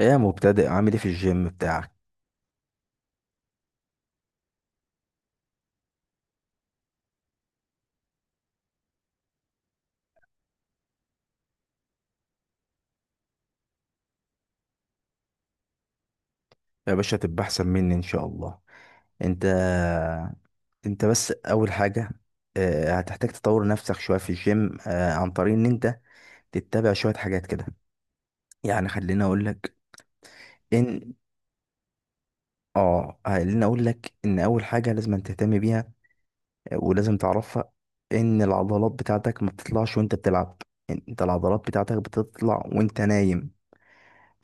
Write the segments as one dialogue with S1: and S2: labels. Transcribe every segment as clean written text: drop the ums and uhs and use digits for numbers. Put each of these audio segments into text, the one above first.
S1: ايه يا مبتدئ؟ عامل ايه في الجيم بتاعك؟ يا باشا تبقى احسن مني ان شاء الله. انت انت بس اول حاجه، هتحتاج تطور نفسك شويه في الجيم، عن طريق ان انت تتبع شويه حاجات كده. يعني خليني اقول لك ان اه خليني اقول لك ان اول حاجه لازم تهتم بيها، ولازم تعرفها، ان العضلات بتاعتك ما بتطلعش وانت بتلعب. انت العضلات بتاعتك بتطلع وانت نايم.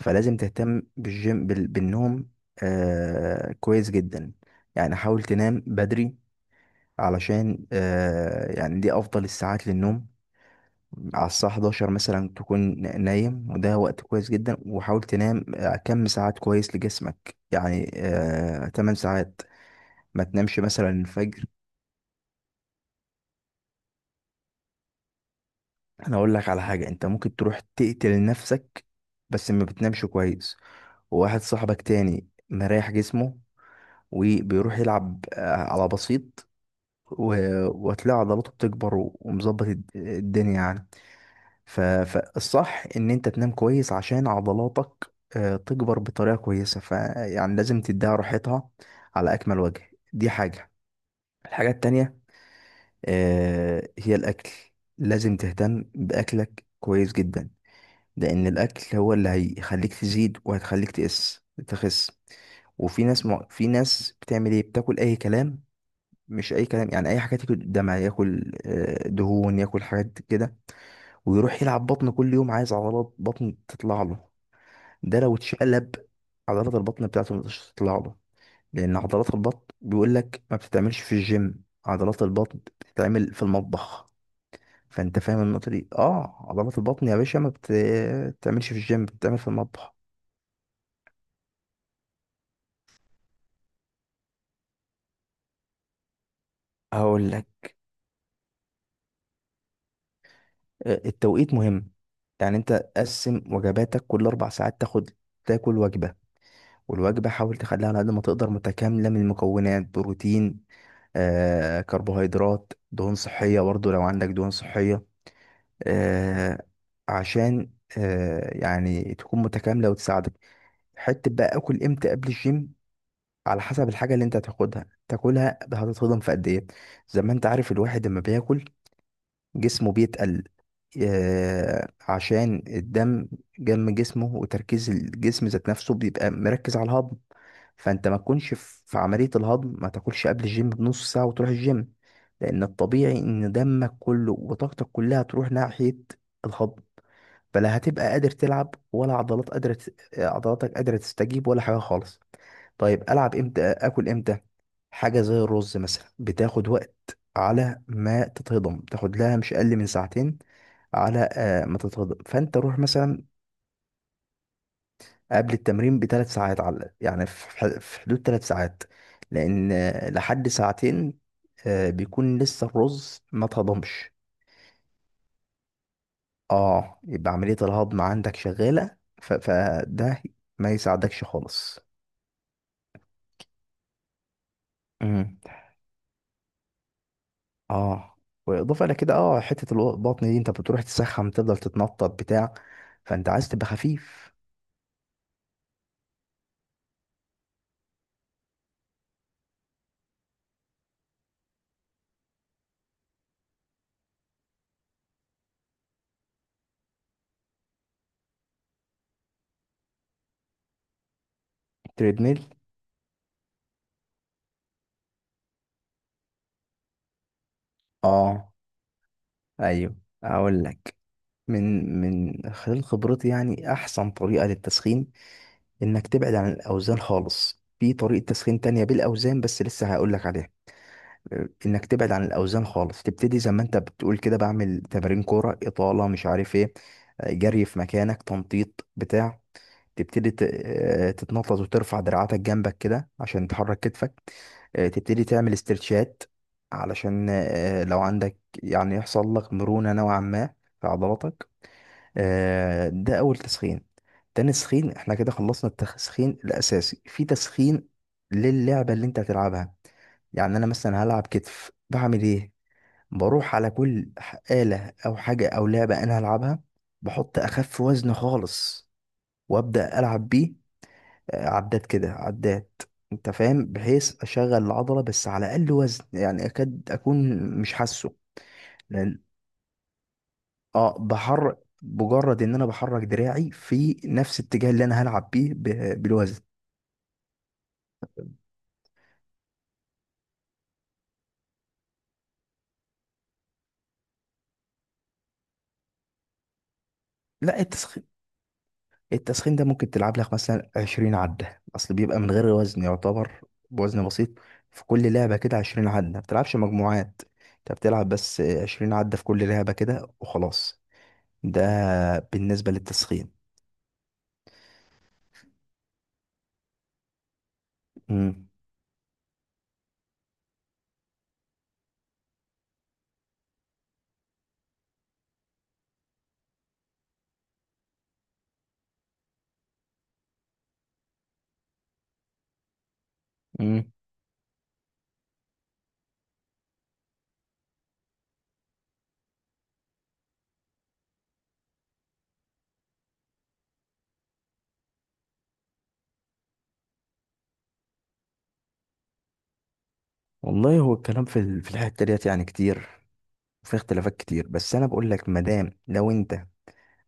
S1: فلازم تهتم بالجيم بالنوم. كويس جدا. يعني حاول تنام بدري علشان يعني دي افضل الساعات للنوم. على الساعة 11 مثلا تكون نايم، وده وقت كويس جدا. وحاول تنام كم ساعات كويس لجسمك، يعني 8 ساعات، ما تنامش مثلا الفجر. انا اقول لك على حاجة: انت ممكن تروح تقتل نفسك بس ما بتنامش كويس. وواحد صاحبك تاني مريح جسمه وبيروح يلعب على بسيط، وهتلاقي عضلاته بتكبر ومظبط الدنيا يعني. فالصح ان انت تنام كويس عشان عضلاتك، تكبر بطريقة كويسة، فيعني لازم تديها راحتها على اكمل وجه. دي حاجة. الحاجة التانية، هي الاكل. لازم تهتم باكلك كويس جدا، لان الاكل هو اللي هيخليك تزيد وهتخليك تخس. وفي ناس في ناس بتعمل ايه؟ بتاكل اي كلام. مش اي كلام يعني، اي حاجات، ياكل دمع، ياكل دهون، ياكل حاجات كده، ويروح يلعب بطن كل يوم عايز عضلات بطن تطلع له. ده لو اتشقلب، عضلات البطن بتاعته مش تطلع له، لان عضلات البطن بيقول لك ما بتتعملش في الجيم، عضلات البطن بتتعمل في المطبخ. فانت فاهم النقطه دي؟ اه، عضلات البطن يا باشا ما بتتعملش في الجيم، بتتعمل في المطبخ. هقول لك، التوقيت مهم. يعني انت قسم وجباتك كل اربع ساعات، تاخد تاكل وجبه. والوجبة حاول تخليها على قد ما تقدر متكاملة من المكونات: بروتين، كربوهيدرات، دهون صحية برضو لو عندك دهون صحية. آه، عشان يعني تكون متكاملة وتساعدك. حتة بقى اكل امتى قبل الجيم؟ على حسب الحاجة اللي انت هتاخدها تاكلها، هتتهضم في قد ايه. زي ما انت عارف الواحد لما بياكل جسمه بيتقل، عشان الدم جم جسمه وتركيز الجسم ذات نفسه بيبقى مركز على الهضم. فانت ما تكونش في عملية الهضم، ما تاكلش قبل الجيم بنص ساعة وتروح الجيم. لان الطبيعي ان دمك كله وطاقتك كلها تروح ناحية الهضم، فلا هتبقى قادر تلعب ولا عضلاتك قادرة تستجيب ولا حاجة خالص. طيب ألعب إمتى، آكل إمتى؟ حاجة زي الرز مثلا بتاخد وقت على ما تتهضم، تاخد لها مش أقل من ساعتين على ما تتهضم. فأنت روح مثلا قبل التمرين بثلاث ساعات، على يعني في في حدود ثلاث ساعات. لأن لحد ساعتين بيكون لسه الرز ما تهضمش. اه، يبقى عملية الهضم عندك شغالة، فده ما يساعدكش خالص. امم اه واضافه الى كده، اه حته البطن دي انت بتروح تسخن، تفضل تتنطط بتاع. فانت عايز تبقى خفيف. تريدميل. اه ايوه. اقول لك، من خلال خبرتي يعني احسن طريقه للتسخين: انك تبعد عن الاوزان خالص. في طريقه تسخين تانية بالاوزان بس لسه هقول لك عليها. انك تبعد عن الاوزان خالص، تبتدي زي ما انت بتقول كده، بعمل تمارين كوره، اطاله، مش عارف ايه، جري في مكانك، تنطيط بتاع. تبتدي تتنطط وترفع دراعاتك جنبك كده عشان تحرك كتفك. تبتدي تعمل استرتشات علشان لو عندك يعني يحصل لك مرونة نوعا ما في عضلاتك. ده اول تسخين. تاني تسخين، احنا كده خلصنا التسخين الاساسي، في تسخين للعبة اللي انت هتلعبها. يعني انا مثلا هلعب كتف، بعمل ايه؟ بروح على كل آلة او حاجة او لعبة انا هلعبها، بحط اخف وزن خالص وابدأ العب بيه، عدات كده عدات، انت فاهم، بحيث اشغل العضلة بس على اقل وزن، يعني اكاد اكون مش حاسه. لان اه بحرك، مجرد ان انا بحرك دراعي في نفس الاتجاه اللي انا هلعب بيه بالوزن. لا، التسخين، التسخين ده ممكن تلعب لك مثلا 20 عدة، اصل بيبقى من غير وزن يعتبر، بوزن بسيط. في كل لعبة كده 20 عدة، ما بتلعبش مجموعات، انت بتلعب بس 20 عدة في كل لعبة كده وخلاص. ده بالنسبة للتسخين. امم امم والله هو الكلام في في الحتة ديت يعني كتير، وفي اختلافات كتير. بس انا بقول لك مادام لو انت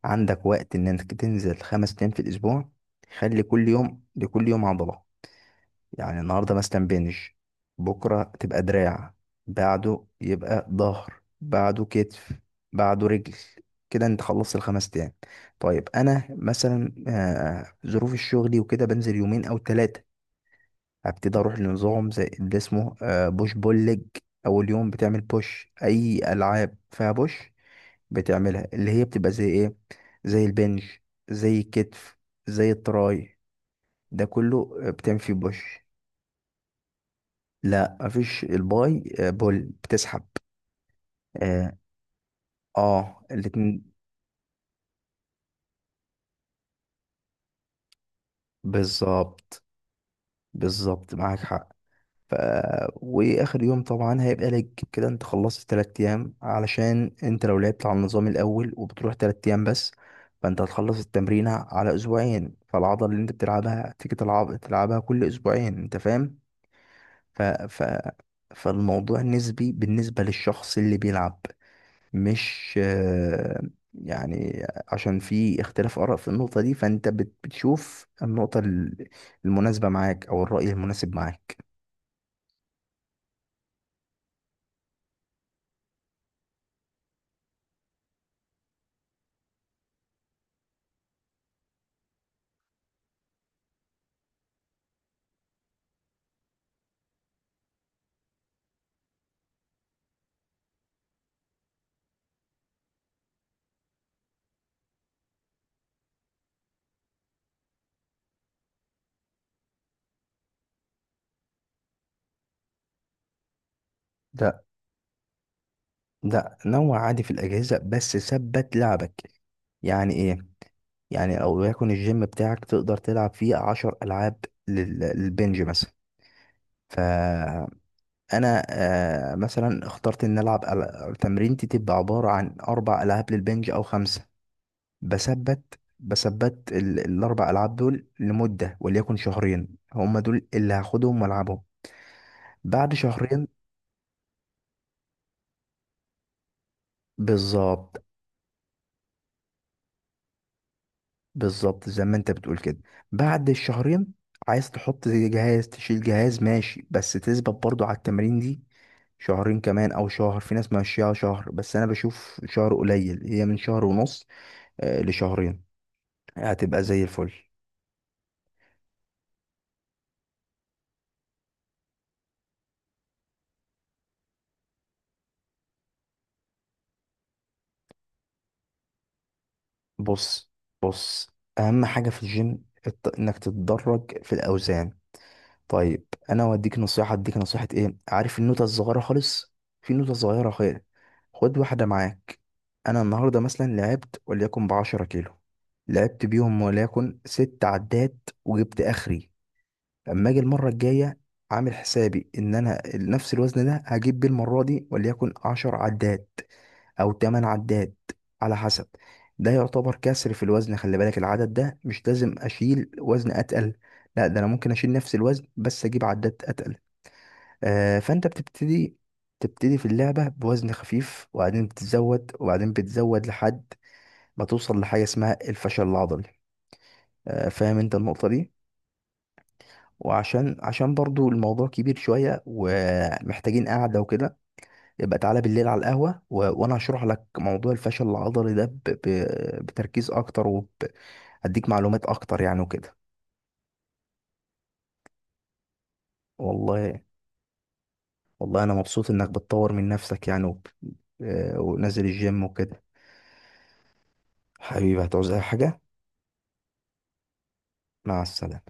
S1: عندك وقت ان انك تنزل خمس ايام في الاسبوع، خلي كل يوم لكل يوم عضلة. يعني النهاردة مثلا بنج، بكرة تبقى دراع، بعده يبقى ظهر، بعده كتف، بعده رجل. كده انت خلصت الخمس ايام. طيب انا مثلا، ظروف الشغل وكده بنزل يومين او ثلاثة، هبتدي اروح لنظام زي اللي اسمه بوش بول ليج. اول يوم بتعمل بوش، اي العاب فيها بوش بتعملها، اللي هي بتبقى زي ايه؟ زي البنج، زي الكتف، زي التراي، ده كله بتعمل فيه بوش. لا، مفيش. الباي بول، بتسحب. اه, الاتنين. بالظبط. بالظبط معاك حق. ف... واخر يوم طبعا هيبقى لج. كده انت خلصت تلات ايام، علشان انت لو لعبت على النظام الاول وبتروح تلات ايام بس، فانت هتخلص التمرينة على اسبوعين، فالعضلة اللي انت بتلعبها تيجي تلعب تلعبها كل اسبوعين، انت فاهم. ف... ف... فالموضوع نسبي بالنسبة للشخص اللي بيلعب، مش يعني، عشان في اختلاف آراء في النقطة دي، فانت بتشوف النقطة المناسبة معاك او الرأي المناسب معاك. ده لا، نوع عادي في الأجهزة بس ثبت لعبك. يعني إيه؟ يعني أو يكون الجيم بتاعك تقدر تلعب فيه عشر ألعاب للبنج مثلا. فأنا مثلا اخترت إن ألعب تمرينتي تبقى عبارة عن أربع ألعاب للبنج أو خمسة. بثبت الأربع ألعاب دول لمدة وليكن شهرين، هما دول اللي هاخدهم وألعبهم. بعد شهرين، بالظبط. بالظبط زي ما انت بتقول كده. بعد الشهرين، عايز تحط جهاز، تشيل جهاز، ماشي، بس تثبت برضو على التمرين دي شهرين كمان او شهر. في ناس ماشيها شهر بس انا بشوف شهر قليل، هي من شهر ونص لشهرين، هتبقى زي الفل. بص، بص، اهم حاجة في الجيم انك تتدرج في الاوزان. طيب، انا اوديك نصيحه اديك نصيحه ايه؟ عارف النوته الصغيره خالص؟ في نوته صغيره خالص، خد واحده معاك. انا النهارده مثلا لعبت وليكن بعشرة كيلو، لعبت بيهم وليكن ست عدات، وجبت اخري. اما اجي المره الجايه، عامل حسابي ان انا نفس الوزن ده هجيب بيه المره دي وليكن عشر عدات او 8 عداد، على حسب. ده يعتبر كسر في الوزن. خلي بالك، العدد ده مش لازم اشيل وزن اتقل، لا ده انا ممكن اشيل نفس الوزن بس اجيب عداد اتقل. آه، فانت بتبتدي في اللعبة بوزن خفيف وبعدين بتزود وبعدين بتزود لحد ما توصل لحاجة اسمها الفشل العضلي. آه، فاهم انت النقطة دي. وعشان برضو الموضوع كبير شوية ومحتاجين قعدة وكده، يبقى تعالى بالليل على القهوة وأنا هشرح لك موضوع الفشل العضلي ده بتركيز أكتر، وأديك معلومات أكتر يعني وكده. والله، والله أنا مبسوط إنك بتطور من نفسك يعني وب... آه، ونازل الجيم وكده. حبيبي، هتعوز أي حاجة. مع السلامة.